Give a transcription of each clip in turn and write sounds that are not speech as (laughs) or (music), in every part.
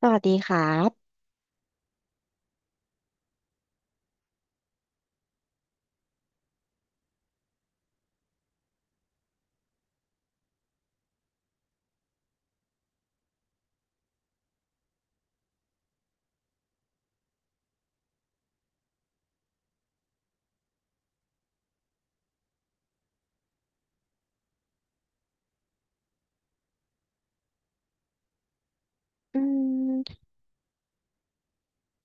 สวัสดีครับอืม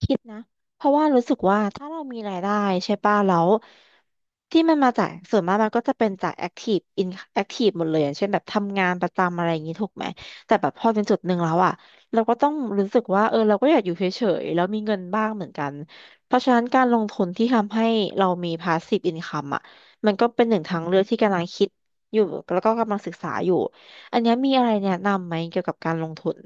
คิดนะเพราะว่ารู้สึกว่าถ้าเรามีรายได้ใช่ป่ะแล้วที่มันมาจากส่วนมากมันก็จะเป็นจากแอคทีฟอินแอคทีฟหมดเลยอย่างเช่นแบบทำงานประจำอะไรอย่างนี้ถูกไหมแต่แบบพอเป็นจุดหนึ่งแล้วอ่ะเราก็ต้องรู้สึกว่าเออเราก็อยากอยู่เฉยๆแล้วมีเงินบ้างเหมือนกันเพราะฉะนั้นการลงทุนที่ทำให้เรามีพาสซีฟอินคัมอ่ะมันก็เป็นหนึ่งทางเลือกที่กำลังคิดอยู่แล้วก็กำลังศึกษาอยู่อันเนี้ยมีอะไรแนะนำไหมเกี่ยวกับการลงทุน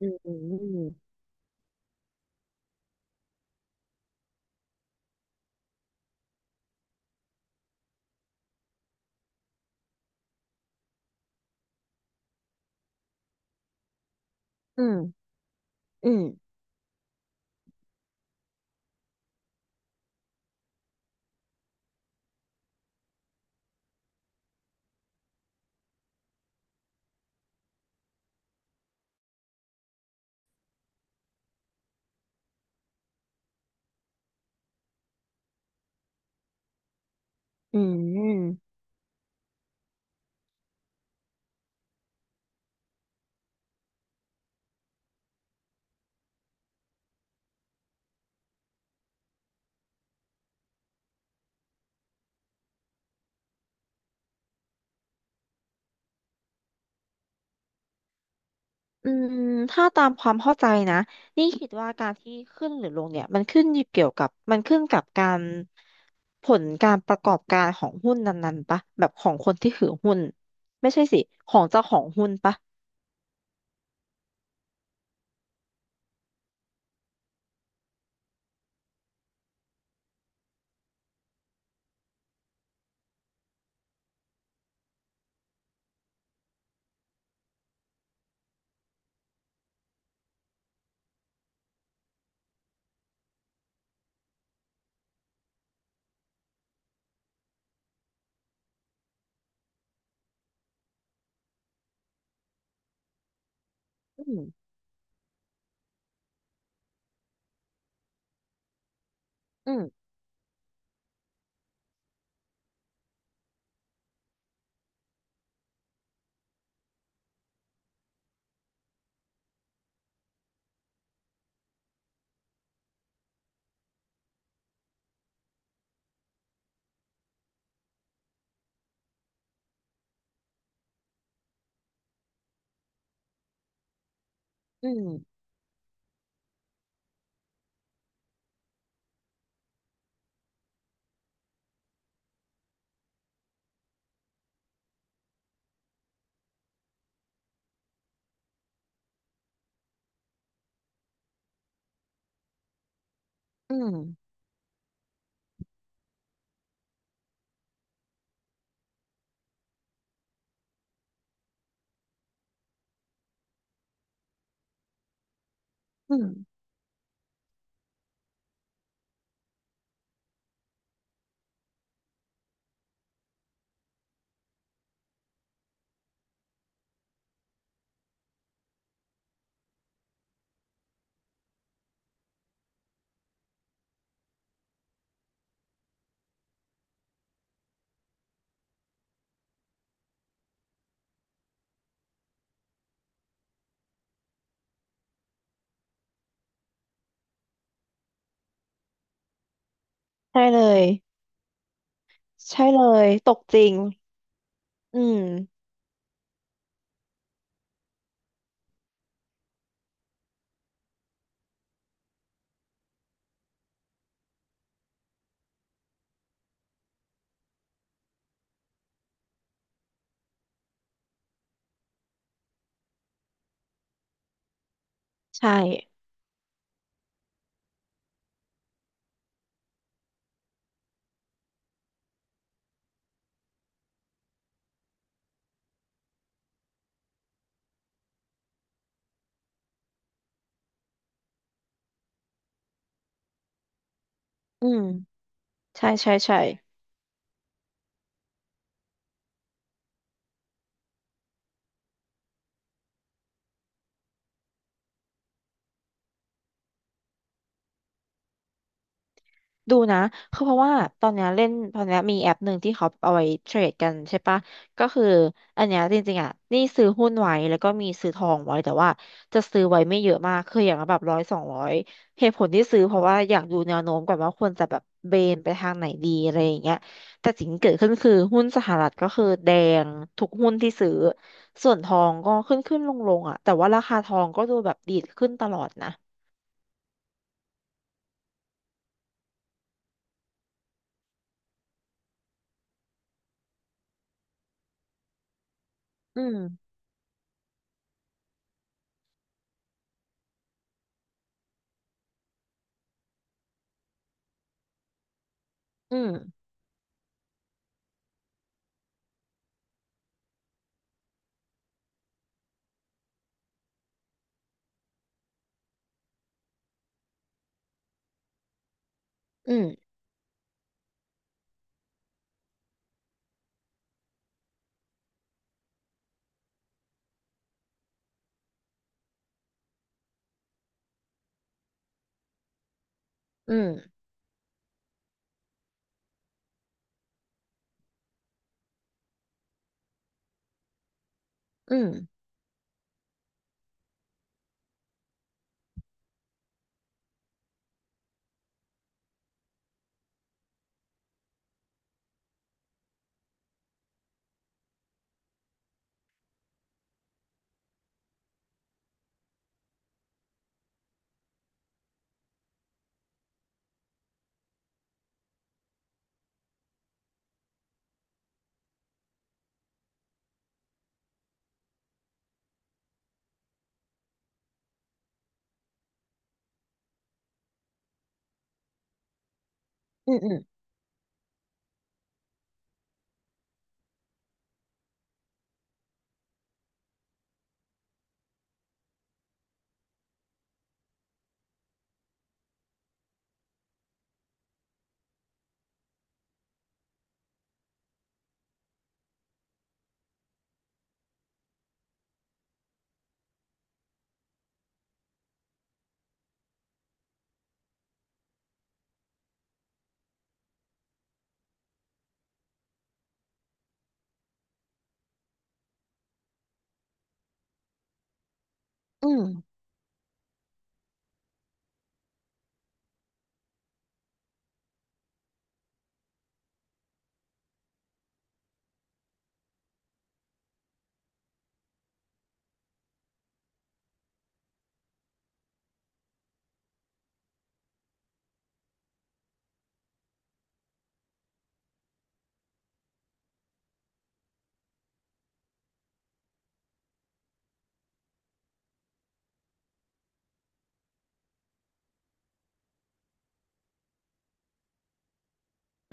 อืม อืมอืมอืมอืมถ้าตามความเข้าใจนะนี่คิดว่าการที่ขึ้นหรือลงเนี่ยมันขึ้นอยู่เกี่ยวกับมันขึ้นกับการผลการประกอบการของหุ้นนั้นๆปะแบบของคนที่ถือหุ้นไม่ใช่สิของเจ้าของหุ้นปะอืมอืมอืมอืมอืมใช่เลยใช่เลยตกจริงอืมใช่อืมใช่ใช่ใช่ ดูนะคือเพราะว่าตอนเนี้ยเล่นตอนเนี้ยมีแอปหนึ่งที่เขาเอาไว้เทรดกันใช่ปะก็คืออันเนี้ยจริงๆอ่ะนี่ซื้อหุ้นไว้แล้วก็มีซื้อทองไว้แต่ว่าจะซื้อไว้ไม่เยอะมากคืออย่างละแบบร้อยสองร้อยเหตุผลที่ซื้อเพราะว่าอยากดูแนวโน้มก่อนว่าควรจะแบบเบนไปทางไหนดีอะไรอย่างเงี้ยแต่สิ่งที่เกิดขึ้นคือหุ้นสหรัฐก็คือแดงทุกหุ้นที่ซื้อส่วนทองก็ขึ้นขึ้นลงลงอ่ะแต่ว่าราคาทองก็ดูแบบดีดขึ้นตลอดนะอืมอืมอืมอืมอืมอืมอืม อืม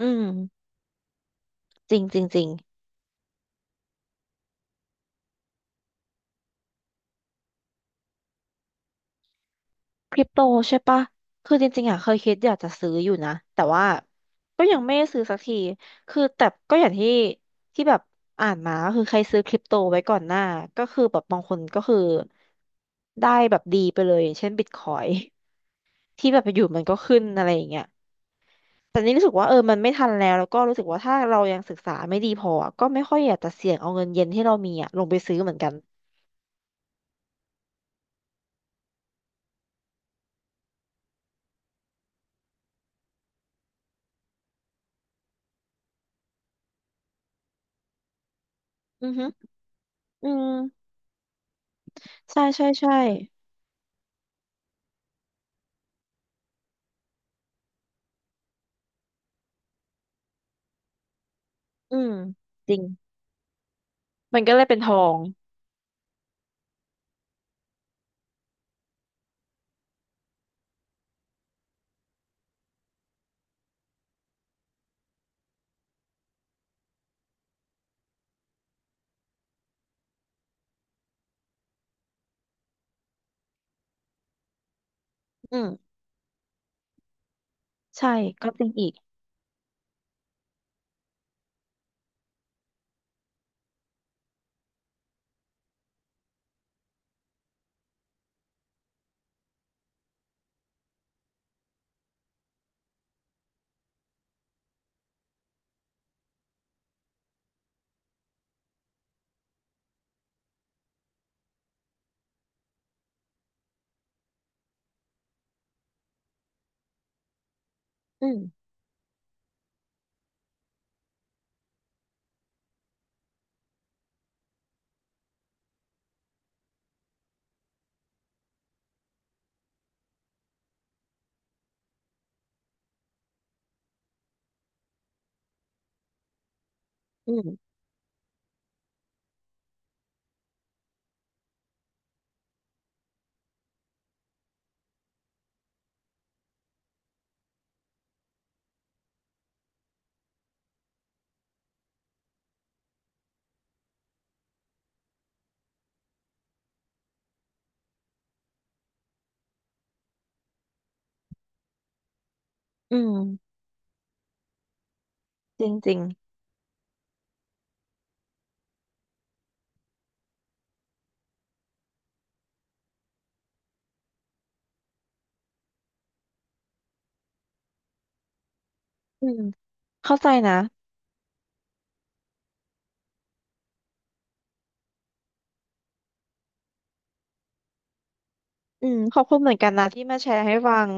อืม จริงจริงจริงคริปโตใช่ปะคือจริงๆอ่ะเคยคิดอยากจะซื้ออยู่นะแต่ว่าก็ยังไม่ได้ซื้อสักทีคือแต่ก็อย่างที่ที่แบบอ่านมาก็คือใครซื้อคริปโตไว้ก่อนหน้าก็คือแบบบางคนก็คือได้แบบดีไปเลยอย่างเช่นบิตคอย (laughs) ที่แบบอยู่มันก็ขึ้นอะไรอย่างเงี้ยแต่นี่รู้สึกว่าเออมันไม่ทันแล้วแล้วก็รู้สึกว่าถ้าเรายังศึกษาไม่ดีพออะก็ไม่ค่อยอยากจะเสี่ยงเอาเงินเย็นที่เรามีอ่ะลงไปซื้อเหมือนกันอือฮึอืมใช่ใช่ใช่ อืมจริงมันก็เลยเป็นทองอืมใช่ก็จริงอีกอืมอืมอืมจริงจริงอืมเข้าใจนะอืมขอบคุณเหมือนกันนะที่มาแชร์ให้ฟัง